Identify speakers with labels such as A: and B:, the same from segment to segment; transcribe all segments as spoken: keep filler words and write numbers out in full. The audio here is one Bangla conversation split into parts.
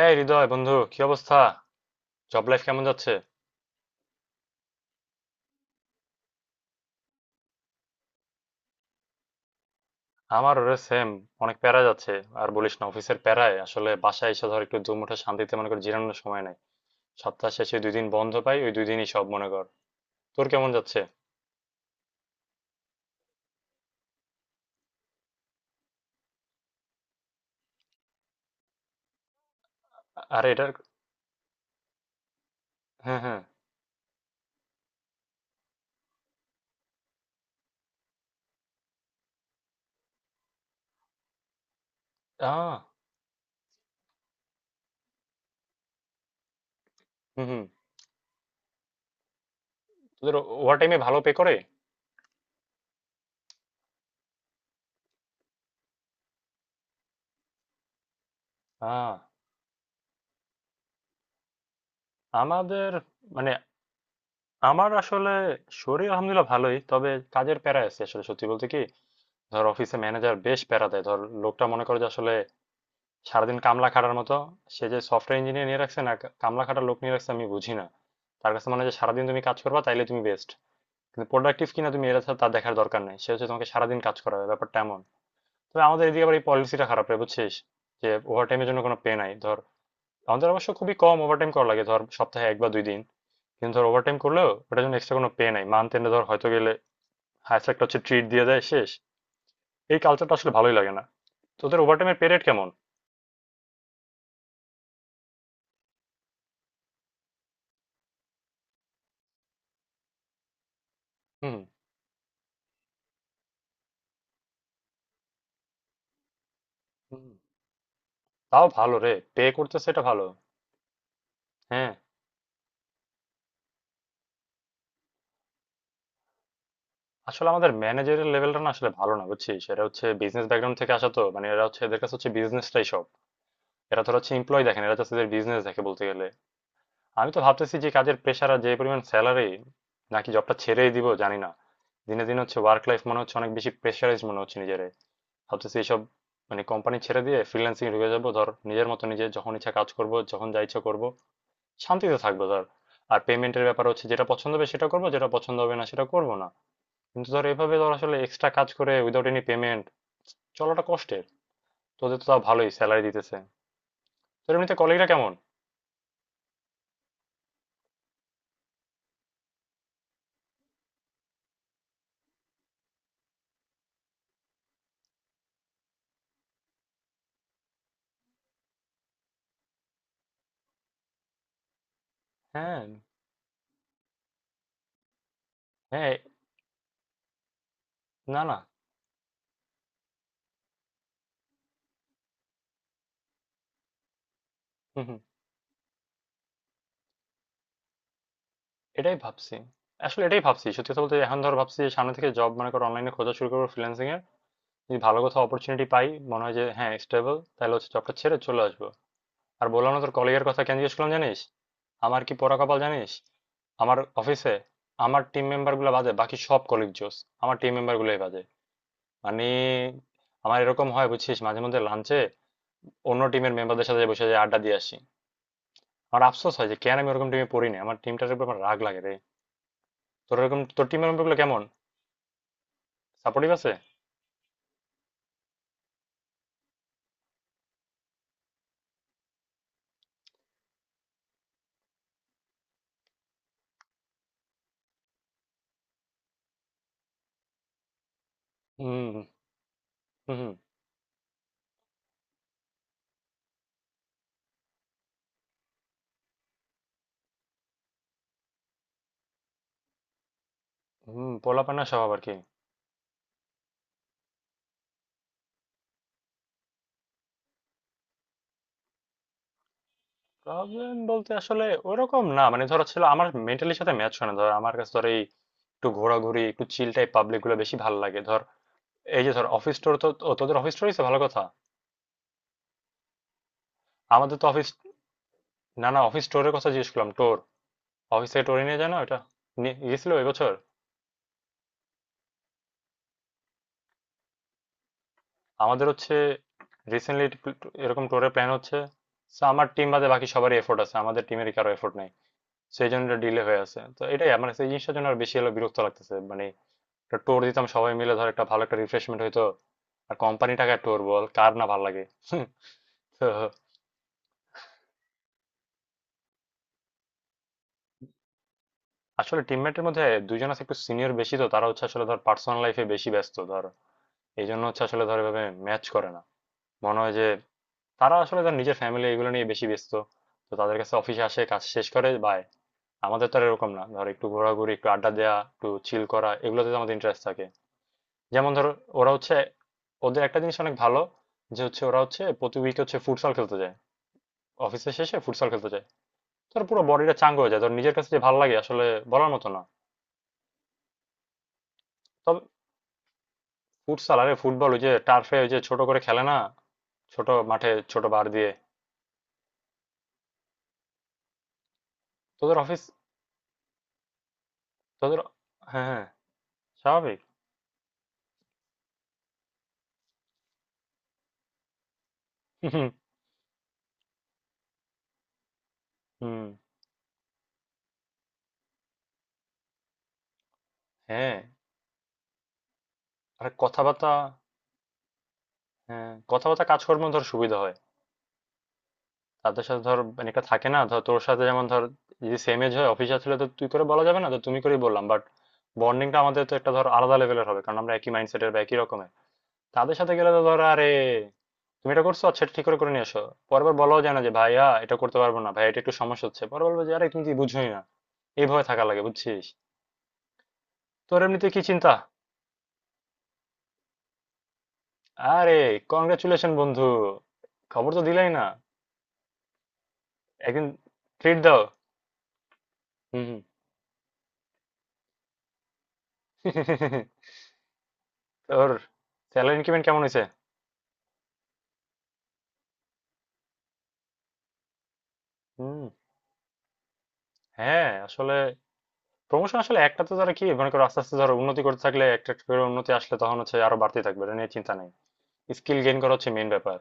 A: এই হৃদয় বন্ধু কি অবস্থা? জব লাইফ কেমন যাচ্ছে? আমার ওরে সেম, অনেক প্যারা যাচ্ছে। আর বলিস না, অফিসের প্যারায় আসলে বাসায় এসে ধর একটু দুমুঠো শান্তিতে মনে কর জিরানোর সময় নাই। সপ্তাহ শেষে দুই দিন বন্ধ পাই, ওই দুই দিনই সব মনে কর। তোর কেমন যাচ্ছে? আর এটার... হ্যাঁ, হ্যাঁ। আহ হুম, হুম। তোদের ওভার টাইমে ভালো পে করে? আহ আমাদের মানে আমার আসলে শরীর আলহামদুলিল্লাহ ভালোই, তবে কাজের প্যারা আছে আসলে সত্যি বলতে কি। ধর অফিসে ম্যানেজার বেশ প্যারা দেয়, ধর লোকটা মনে করে যে আসলে সারাদিন কামলা খাটার মতো। সে যে সফটওয়্যার ইঞ্জিনিয়ার নিয়ে রাখছে না, কামলা খাটার লোক নিয়ে রাখছে, আমি বুঝি না। তার কাছে মানে যে সারাদিন তুমি কাজ করবা তাইলে তুমি বেস্ট, কিন্তু প্রোডাক্টিভ কিনা তুমি এটা তার দেখার দরকার নেই, সে হচ্ছে তোমাকে সারাদিন কাজ করাবে, ব্যাপারটা এমন। তবে আমাদের এদিকে আবার এই পলিসিটা খারাপ রে বুঝছিস, যে ওভারটাইমের জন্য কোনো পে নাই ধর। আমাদের অবশ্য খুবই কম ওভারটাইম করা লাগে, ধর সপ্তাহে এক বা দুই দিন। কিন্তু ধর ওভারটাইম করলেও ওটার জন্য এক্সট্রা কোনো পে নাই, মান্থ এন্ডে ধর হয়তো গেলে হায়েস্ট একটা হচ্ছে ট্রিট দিয়ে দেয়, শেষ। এই কালচারটা আসলে ভালোই লাগে না। তোদের ওভারটাইমের পে রেট কেমন? হুম, হুম। তাও ভালো রে, পে করতেছে এটা ভালো। হ্যাঁ, আসলে আমাদের ম্যানেজারের লেভেলটা না আসলে ভালো না বুঝছিস, এরা হচ্ছে বিজনেস ব্যাকগ্রাউন্ড থেকে আসা, তো মানে এরা হচ্ছে, এদের কাছে হচ্ছে বিজনেসটাই সব। এরা ধর হচ্ছে এমপ্লয় দেখেন, এরা হচ্ছে বিজনেস দেখে বলতে গেলে। আমি তো ভাবতেছি যে কাজের প্রেশার আর যে পরিমাণ স্যালারি, নাকি জবটা ছেড়েই দিব জানি না। দিনে দিনে হচ্ছে ওয়ার্ক লাইফ মনে হচ্ছে অনেক বেশি প্রেশারাইজ মনে হচ্ছে নিজেরে। ভাবতেছি এইসব, মানে কোম্পানি ছেড়ে দিয়ে ফ্রিল্যান্সিং ঢুকে যাবো ধর, নিজের মতো নিজে যখন ইচ্ছা কাজ করব, যখন যা ইচ্ছা করবো, শান্তিতে থাকবো ধর। আর পেমেন্টের ব্যাপার হচ্ছে, যেটা পছন্দ হবে সেটা করবো, যেটা পছন্দ হবে না সেটা করবো না। কিন্তু ধর এভাবে ধর আসলে এক্সট্রা কাজ করে উইদাউট এনি পেমেন্ট, চলাটা কষ্টের। তোদের তো তাও ভালোই স্যালারি দিতেছে। তোর এমনিতে কলিগরা কেমন? হ্যাঁ, হ্যাঁ। না, না। হুম, হুম। এটাই ভাবছি, আসলে এটাই ভাবছি সত্যি কথা বলতে, এখন ধর ভাবছি যে সামনে থেকে জব মনে করো অনলাইনে খোঁজা শুরু করবো ফ্রিল্যান্সিং এর। যদি ভালো কোথাও অপরচুনিটি পাই, মনে হয় যে হ্যাঁ স্টেবল, তাহলে হচ্ছে জবটা ছেড়ে চলে আসবো। আর বললাম না তোর কলিগের কথা কেন জিজ্ঞেস করলাম জানিস? আমার কি পোড়া কপাল জানিস, আমার অফিসে আমার টিম মেম্বার গুলো বাজে, বাকি সব কলিগ জোস। আমার টিম মেম্বার গুলোই বাজে। মানে আমার এরকম হয় বুঝছিস, মাঝে মধ্যে লাঞ্চে অন্য টিমের মেম্বারদের সাথে বসে যাই, আড্ডা দিয়ে আসি। আমার আফসোস হয় যে কেন আমি ওরকম টিমে পড়ি না, আমার টিমটার উপর আমার রাগ লাগে রে। তোর এরকম, তোর টিমের মেম্বার গুলো কেমন? সাপোর্টিভ আছে? হুম, হুম, হুম। হুম, পোলাপানা স্বভাব আর কি। প্রবলেম বলতে আসলে ওরকম না, মানে ধরো ছিল আমার মেন্টালির সাথে ম্যাচ হয় না ধর, আমার কাছে ধর এই একটু ঘোরাঘুরি, একটু চিল টাইপ পাবলিক গুলো বেশি ভালো লাগে ধর। এই যে ধর অফিস স্টোর তো, ও, তোদের অফিস স্টোরই তো ভালো কথা। আমাদের তো অফিস... না না, অফিস স্টোরের কথা জিজ্ঞেস করলাম, টোর। অফিস থেকে টোরে নিয়ে যায় না? ওটা নিয়ে গেছিল এবছর। আমাদের হচ্ছে রিসেন্টলি এরকম টোরের প্ল্যান হচ্ছে। So, আমার টিম বাদে বাকি সবারই এফোর্ট আছে, আমাদের টিমের কারো এফোর্ট নাই। সেই জন্য এটা ডিলে হয়ে আছে, তো এটাই আমার কাছে, এই জিনিসটার জন্য আর বেশি হলো বিরক্ত লাগতেছে মানে। একটা টোর দিতাম সবাই মিলে ধর, একটা ভালো একটা রিফ্রেশমেন্ট হইতো। আর কোম্পানি টাকায় টোর, বল কার না ভালো লাগে? তো... আসলে টিমমেটের মধ্যে দুইজন আছে একটু সিনিয়র বেশি, তো তারা হচ্ছে আসলে ধর পার্সোনাল লাইফে বেশি ব্যস্ত ধর। এই জন্য হচ্ছে আসলে ধর এভাবে ম্যাচ করে না, মনে হয় যে তারা আসলে ধর নিজের ফ্যামিলি এগুলো নিয়ে বেশি ব্যস্ত। তো তাদের কাছে অফিসে আসে কাজ শেষ করে বাই। আমাদের তো আর এরকম না ধর, একটু ঘোরাঘুরি, একটু আড্ডা দেওয়া, একটু চিল করা, এগুলোতে তো আমাদের ইন্টারেস্ট থাকে। যেমন ধর ওরা হচ্ছে... ওদের একটা জিনিস অনেক ভালো, যে হচ্ছে ওরা হচ্ছে প্রতি উইকে হচ্ছে ফুটসল খেলতে যায়, অফিসের শেষে ফুটসল খেলতে যায়। ধর পুরো বডিটা চাঙ্গ হয়ে যায় ধর, নিজের কাছে যে ভালো লাগে আসলে বলার মতো না। তবে ফুটসাল, আরে ফুটবল, ওই যে টার্ফে ওই যে ছোট করে খেলে না, ছোট মাঠে ছোট বার দিয়ে। তোদের অফিস তোদের হ্যাঁ, হ্যাঁ, স্বাভাবিক। হুম, হুম, হ্যাঁ। আরে কথাবার্তা, হ্যাঁ কথাবার্তা কাজকর্ম ধর সুবিধা হয়। তাদের সাথে ধর মানে একটা থাকে না, ধর তোর সাথে যেমন ধর, যদি সেম এজ হয় অফিসার ছিল তো তুই করে বলা যাবে না তো তুমি করেই বললাম, বাট বন্ডিংটা আমাদের তো একটা ধর আলাদা লেভেলের হবে, কারণ আমরা একই মাইন্ডসেটের বা একই রকমের। তাদের সাথে গেলে তো ধর, আরে তুমি এটা করছো, আচ্ছা এটা ঠিক করে করে নিয়ে আসো। পরবার বলাও যায় না যে ভাইয়া এটা করতে পারবো না, ভাই এটা একটু সমস্যা হচ্ছে, পরে বলবো যে আরে তুমি কি বুঝোই না। এইভাবে থাকা লাগে বুঝছিস। তোর এমনিতে কি চিন্তা? আরে কংগ্রাচুলেশন বন্ধু, খবর তো দিলাই না। একদিন ট্রিট দাও। হুম, হুম। তোর স্যালারি ইনক্রিমেন্ট কেমন হয়েছে? হুম। হ্যাঁ আসলে প্রমোশন আসলে একটা তো, তারা কি মনে করো আস্তে আস্তে ধরো উন্নতি করতে থাকলে একটা একটা করে উন্নতি আসলে, তখন হচ্ছে আরো বাড়তে থাকবে, এটা নিয়ে চিন্তা নেই। স্কিল গেইন করা হচ্ছে মেইন ব্যাপার।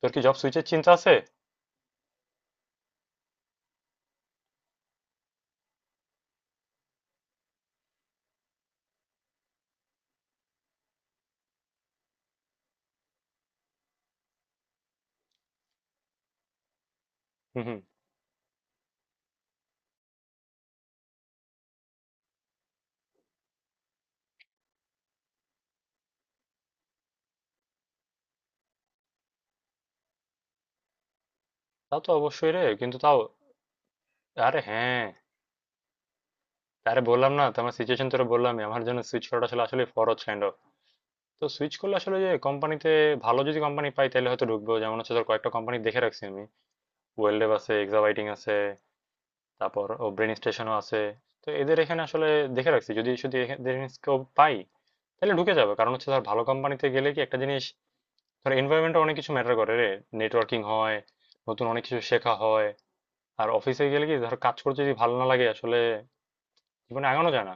A: তোর কি জব সুইচের চিন্তা আছে? হুম, হুম। তা তো অবশ্যই রে, কিন্তু তাও... আরে হ্যাঁ। আরে বললাম না তোমার সিচুয়েশন, তোরা বললাম, আমার জন্য সুইচ করাটা আসলে আসলে ফরজ কাইন্ড অফ। তো সুইচ করলে আসলে যে কোম্পানিতে, ভালো যদি কোম্পানি পাই তাহলে হয়তো ঢুকবো, যেমন হচ্ছে তোর... কয়েকটা কোম্পানি দেখে রাখছি আমি। ওয়েলডেভ আছে, এক্সাবাইটিং আছে, তারপর ও ব্রেন স্টেশনও আছে। তো এদের এখানে আসলে দেখে রাখছি, যদি, যদি এদের স্কোপ পাই তাহলে ঢুকে যাবে। কারণ হচ্ছে ধর ভালো কোম্পানিতে গেলে কি একটা জিনিস, ধর এনভায়রনমেন্টে অনেক কিছু ম্যাটার করে রে। নেটওয়ার্কিং হয়, নতুন অনেক কিছু শেখা হয়। আর অফিসে গেলে কি ধর, কাজ করতে যদি ভালো না লাগে আসলে জীবনে আগানো যায় না।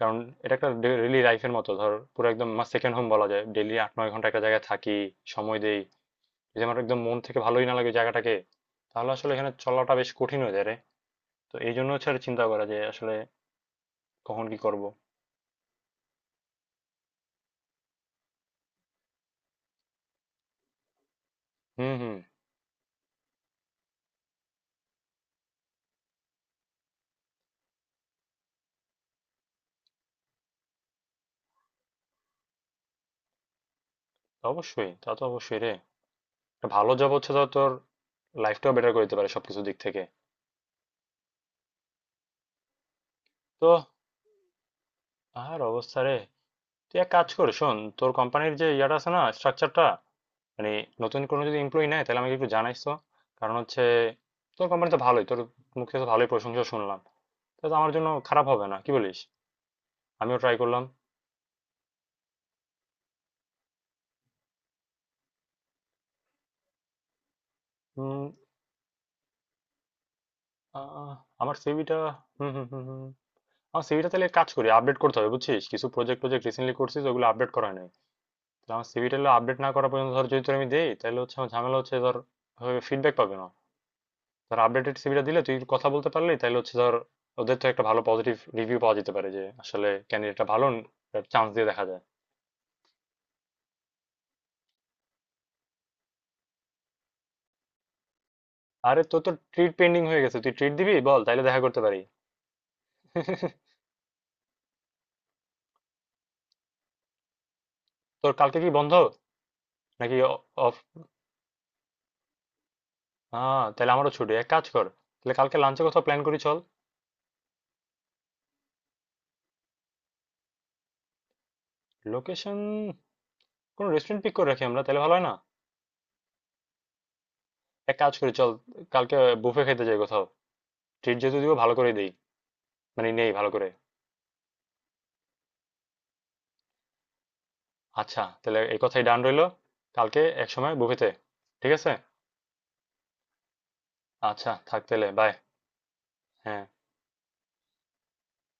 A: কারণ এটা একটা ডেইলি লাইফের মতো ধর, পুরো একদম আমার সেকেন্ড হোম বলা যায়, ডেইলি আট নয় ঘন্টা একটা জায়গায় থাকি, সময় দেই। যদি আমার একদম মন থেকে ভালোই না লাগে জায়গাটাকে, তাহলে আসলে এখানে চলাটা বেশ কঠিন হয়ে যায় রে। তো এই জন্য হচ্ছে আর চিন্তা করা যে আসলে কখন কি করব। হুম, হুম। অবশ্যই, তা তো অবশ্যই রে। একটা ভালো জব হচ্ছে ধর তোর লাইফটাও বেটার করে দিতে পারে সবকিছু দিক থেকে। তো আর অবস্থা রে। তুই এক কাজ কর, শোন, তোর কোম্পানির যে ইয়াটা আছে না, স্ট্রাকচারটা, মানে নতুন কোনো যদি এমপ্লয়ি নেয় তাহলে আমাকে একটু জানাইস তো। কারণ হচ্ছে তোর কোম্পানি তো ভালোই, তোর মুখ থেকে তো ভালোই প্রশংসা শুনলাম, তা তো আমার জন্য খারাপ হবে না কি বলিস? আমিও ট্রাই করলাম। উম, আহ, আমার সিভিটা... হুম, হুম, হুম, হুম। আমার সিভিটা তাহলে এক কাজ করি, আপডেট করতে হবে বুঝছিস, কিছু প্রজেক্ট প্রজেক্ট রিসেন্টলি করছিস ওগুলো আপডেট করা হয় নাই। তাহলে আমার সিভিটা আপডেট না করা পর্যন্ত ধর, যদি তোর আমি দেই তাহলে হচ্ছে আমার ঝামেলা হচ্ছে ধর, ফিডব্যাক পাবে না। ধর আপডেটেড সিভিটা দিলে তুই কথা বলতে পারলি তাহলে হচ্ছে ধর ওদের তো একটা ভালো পজিটিভ রিভিউ পাওয়া যেতে পারে যে আসলে ক্যান্ডিডেটটা ভালো, চান্স দিয়ে দেখা যায়। আরে তোর তো ট্রিট পেন্ডিং হয়ে গেছে, তুই ট্রিট দিবি বল তাহলে দেখা করতে পারি। তোর কালকে কি বন্ধ নাকি? অফ? হ্যাঁ তাহলে আমারও ছুটি, এক কাজ কর তাহলে কালকে লাঞ্চে কোথাও প্ল্যান করি চল। লোকেশন... কোনো রেস্টুরেন্ট পিক করে রাখি আমরা তাহলে ভালো হয় না? এক কাজ করি চল, কালকে বুফে খেতে যাই কোথাও, ট্রিট যেহেতু দিব ভালো করে দিই, মানে নেই ভালো করে। আচ্ছা তাহলে এই কথাই ডান রইলো, কালকে এক সময় বুফেতে। ঠিক আছে। আচ্ছা থাক তাহলে, বাই। হ্যাঁ।